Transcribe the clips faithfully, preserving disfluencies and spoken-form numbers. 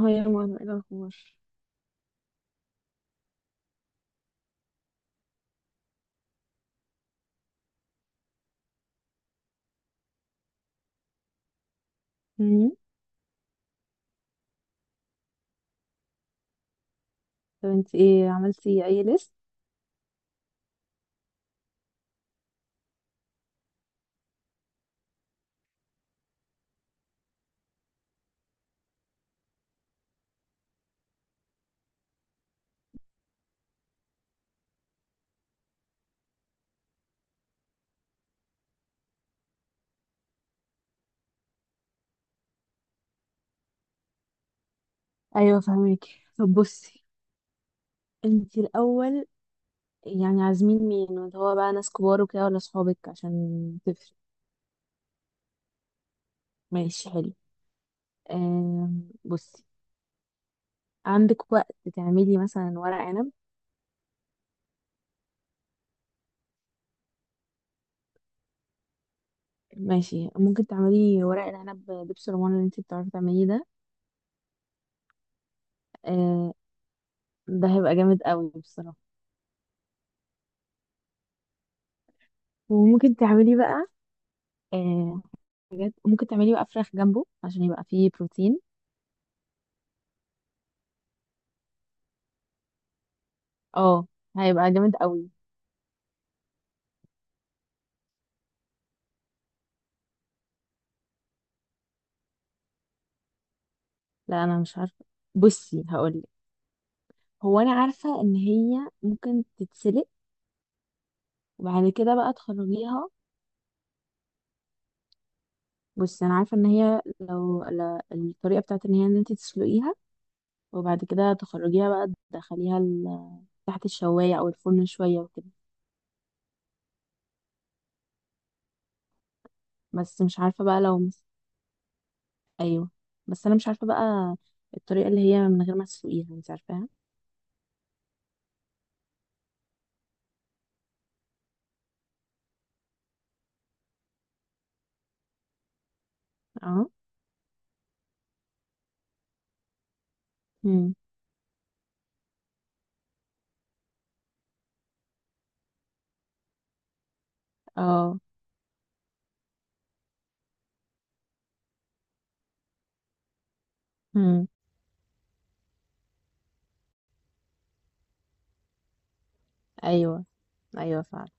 هاي يا ماما، ايه الاخبار؟ مم. طب انت ايه عملتي اي ليست؟ ايوه، فهمك. طب بصي، انت الاول. يعني عازمين مين اللي هو بقى، ناس كبار وكده ولا صحابك، عشان تفرق؟ ماشي، حلو. آم بصي عندك وقت تعملي مثلا ورق عنب؟ ماشي، ممكن تعملي ورق العنب دبس رمان اللي انت بتعرفي تعمليه ده. آه، ده هيبقى جامد قوي بصراحه. وممكن تعملي بقى، آه حاجات ممكن تعملي بقى فراخ جنبه عشان يبقى فيه بروتين. اه، هيبقى جامد قوي. لا، انا مش عارفه. بصي هقولك، هو انا عارفه ان هي ممكن تتسلق وبعد كده بقى تخرجيها. بصي، انا عارفه ان هي لو ل- الطريقه بتاعت ان هي ان انت تسلقيها، وبعد كده تخرجيها بقى تدخليها ال- تحت الشوايه او الفرن شويه وكده. بس مش عارفه بقى لو مس... ايوه، بس انا مش عارفه بقى الطريقه اللي هي من غير ما تسلقيها انت عارفاها. اه. امم. اه. امم. ايوه، ايوه فعلا.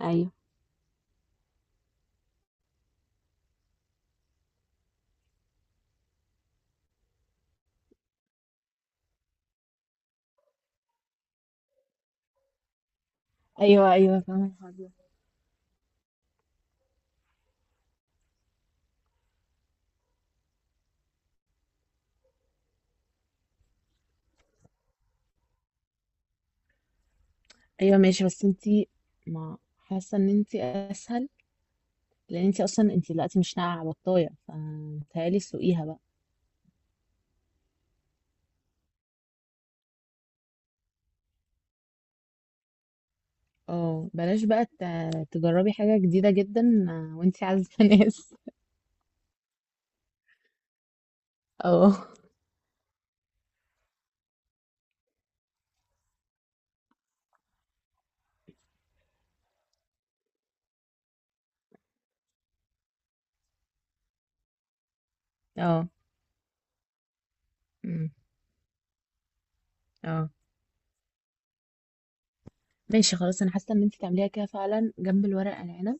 ايوه، ايوه، ايوه، فاهمه الحوار. ايوه ماشي، بس انتي ما حاسه ان انتي اسهل، لان انتي اصلا انتي دلوقتي مش ناقعه بطايه، فمتهيألي سوقيها بقى. اه، بلاش بقى ت- تجربي حاجه جديده جدا، آه، وانتي عازبه ناس. اه. اه. أمم، اه، ماشي خلاص، انا حاسه ان انتي تعمليها كده فعلا جنب الورق العنب.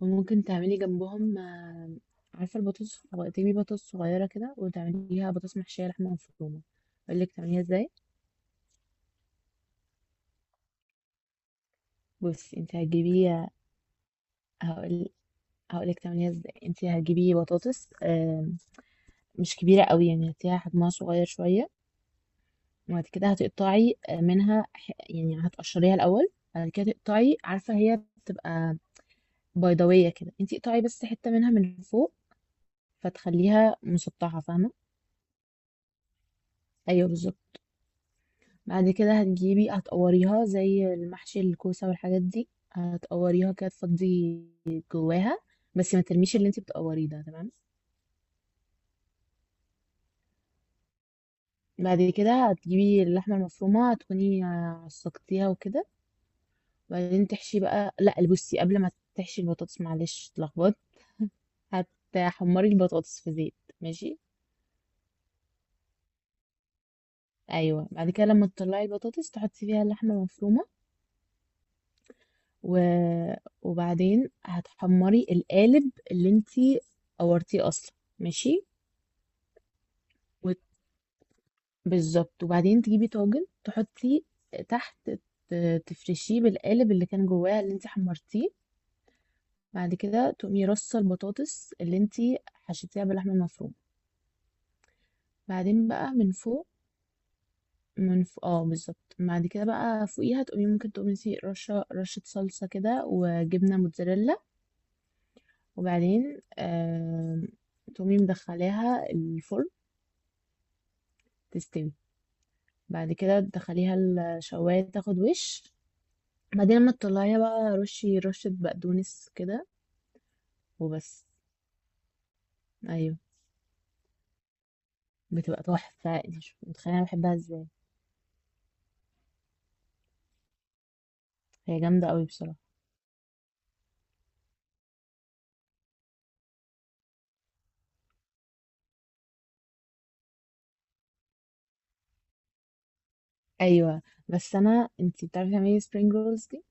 وممكن تعملي جنبهم، آه، عارفه البطاطس الصغ- تجيبي بطاطس صغيره كده وتعمليها بطاطس محشيه لحمه مفرومه. اقول لك تعمليها ازاي؟ بصي، انت هتجيبي، آه، هقول هقول لك تعمليها ازاي. انت هتجيبي بطاطس آم، مش كبيره قوي، يعني هتلاقيها حجمها صغير شويه. وبعد كده هتقطعي آه، منها، ح- يعني هتقشريها الاول، بعد كده تقطعي. عارفه هي بتبقى بيضاويه كده، انت اقطعي بس حته منها من فوق، فتخليها مسطحه، فاهمه؟ ايوه، بالظبط. بعد كده هتجيبي هتقوريها زي المحشي الكوسه والحاجات دي، هتقوريها كده تفضي جواها، بس ما ترميش اللي انت بتقوريه ده، تمام. بعد كده هتجيبي اللحمة المفرومة تكوني آه، عصقتيها وكده. بعدين تحشي بقى، لا بصي، قبل ما تحشي البطاطس، معلش اتلخبطت، هتحمري البطاطس في زيت، ماشي؟ ايوه، بعد كده لما تطلعي البطاطس تحطي فيها اللحمة المفرومة، و... وبعدين هتحمري القالب اللي انتي قورتيه اصلا، ماشي. وت- بالظبط، وبعدين تجيبي طاجن تحطي تحت، ت- تفرشيه بالقالب اللي كان جواه اللي انتي حمرتيه، بعد كده تقومي رصة البطاطس اللي انتي حشيتيها باللحمة المفرومة. بعدين بقى من فوق، من فوق. اه، بالظبط، بعد كده بقى فوقيها تقومي، ممكن تقومي تي- رشة رشة صلصة كده وجبنة موتزاريلا، وبعدين آه تقومي مدخلاها الفرن تستوي. بعد كده تدخليها الشواية تاخد وش. بعدين لما تطلعيها بقى رشي رشة بقدونس كده، وبس. ايوه، بتبقى تحفة، انتي مش متخيلة انا بحبها ازاي. هي جامدة قوي بصراحة. ايوه بس، انا انت بتعرفي تعملي spring rolls دي؟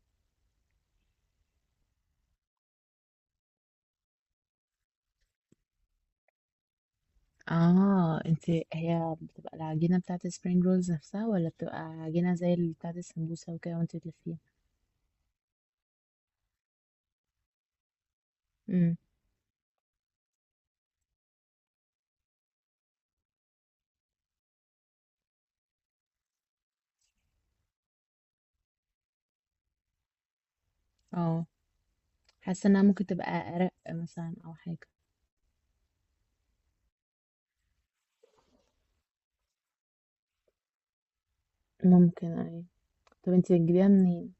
اه، انت هي بتبقى العجينه بتاعت spring rolls نفسها ولا بتبقى عجينه زي اللي بتاعت السمبوسه وكده وانت بتلفيها؟ امم. اه، حاسه انها ممكن تبقى ارق مثلا او حاجه. ممكن اي. طب انت بتجيبيها منين؟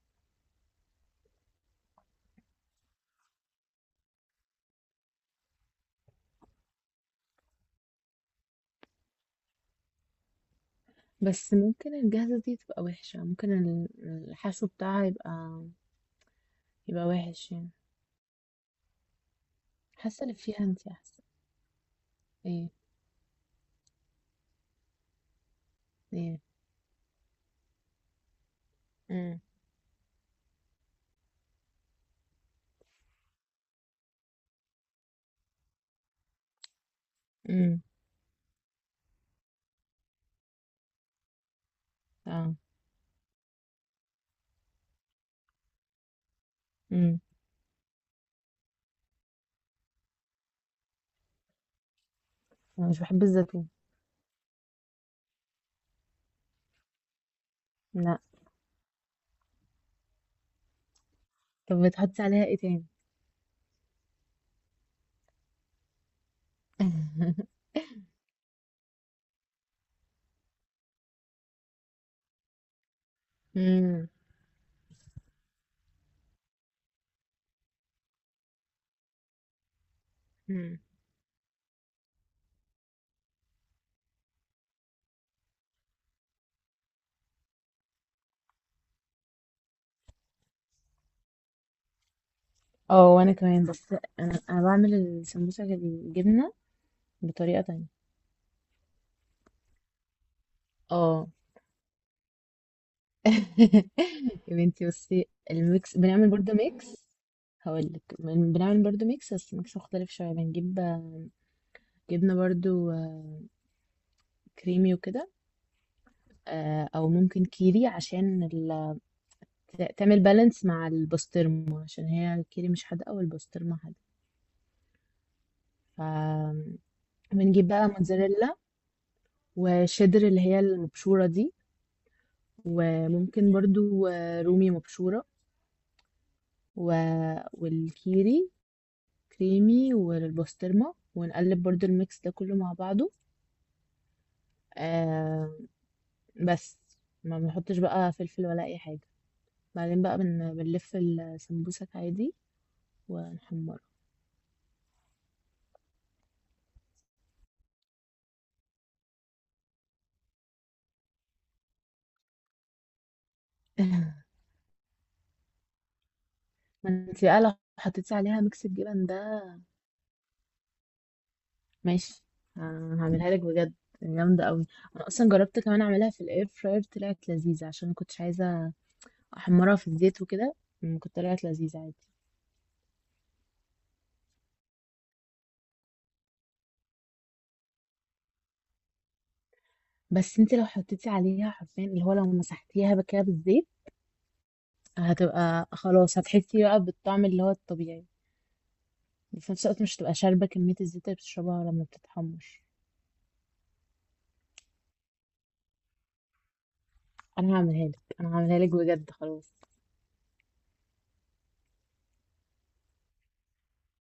بس ممكن الجاهزه دي تبقى وحشه، ممكن ال- الحشو بتاعها يبقى، يبقى وحش يعني. حاسه اللي فيها انت احسن. ايه؟ ايه؟ امم. امم. اه. امم. انا مش بحب الزيتون. لا. طب بتحطي عليها ايه تاني؟ امم. مم. اه، وانا كمان، بس انا انا بعمل السمبوسه بالجبنه بطريقه تانية. اه. يا بنتي بصي، الميكس، بنعمل برضو ميكس. هقول لك، بنعمل برضو ميكس بس ميكس مختلف شويه. بنجيب، آه، جبنه برضو، آه، كريمي وكده، آه، او ممكن كيري عشان ال... ت- تعمل بالانس مع البسطرمه، عشان هي الكيري مش حادقه والبسطرمه حادقه. ف بنجيب بقى موتزاريلا، وشدر اللي هي المبشورة دي، وممكن برضو آه، رومي مبشورة، و... والكيري كريمي، والبسطرمة، ونقلب برضو الميكس ده كله مع بعضه. آه بس ما بنحطش بقى فلفل ولا أي حاجة. بعدين بقى بن... بنلف السمبوسك عادي ونحمرها. ما انت بقى لو حطيتي عليها ميكس الجبن ده. ماشي، آه، هعملها لك بجد، جامدة قوي. انا اصلا جربت كمان اعملها في الاير فراير، طلعت لذيذة عشان ما كنتش عايزة احمرها في الزيت وكده. مم، كانت طلعت لذيذة عادي. بس انت لو حطيتي عليها حرفيا، اللي هو لو مسحتيها بقى كده بالزيت، هتبقى خلاص، هتحسي بقى بالطعم اللي هو الطبيعي، وفي نفس الوقت مش هتبقى شاربة كمية الزيت اللي بتشربها لما بتتحمر. انا هعملها لك، انا هعملها لك بجد، خلاص.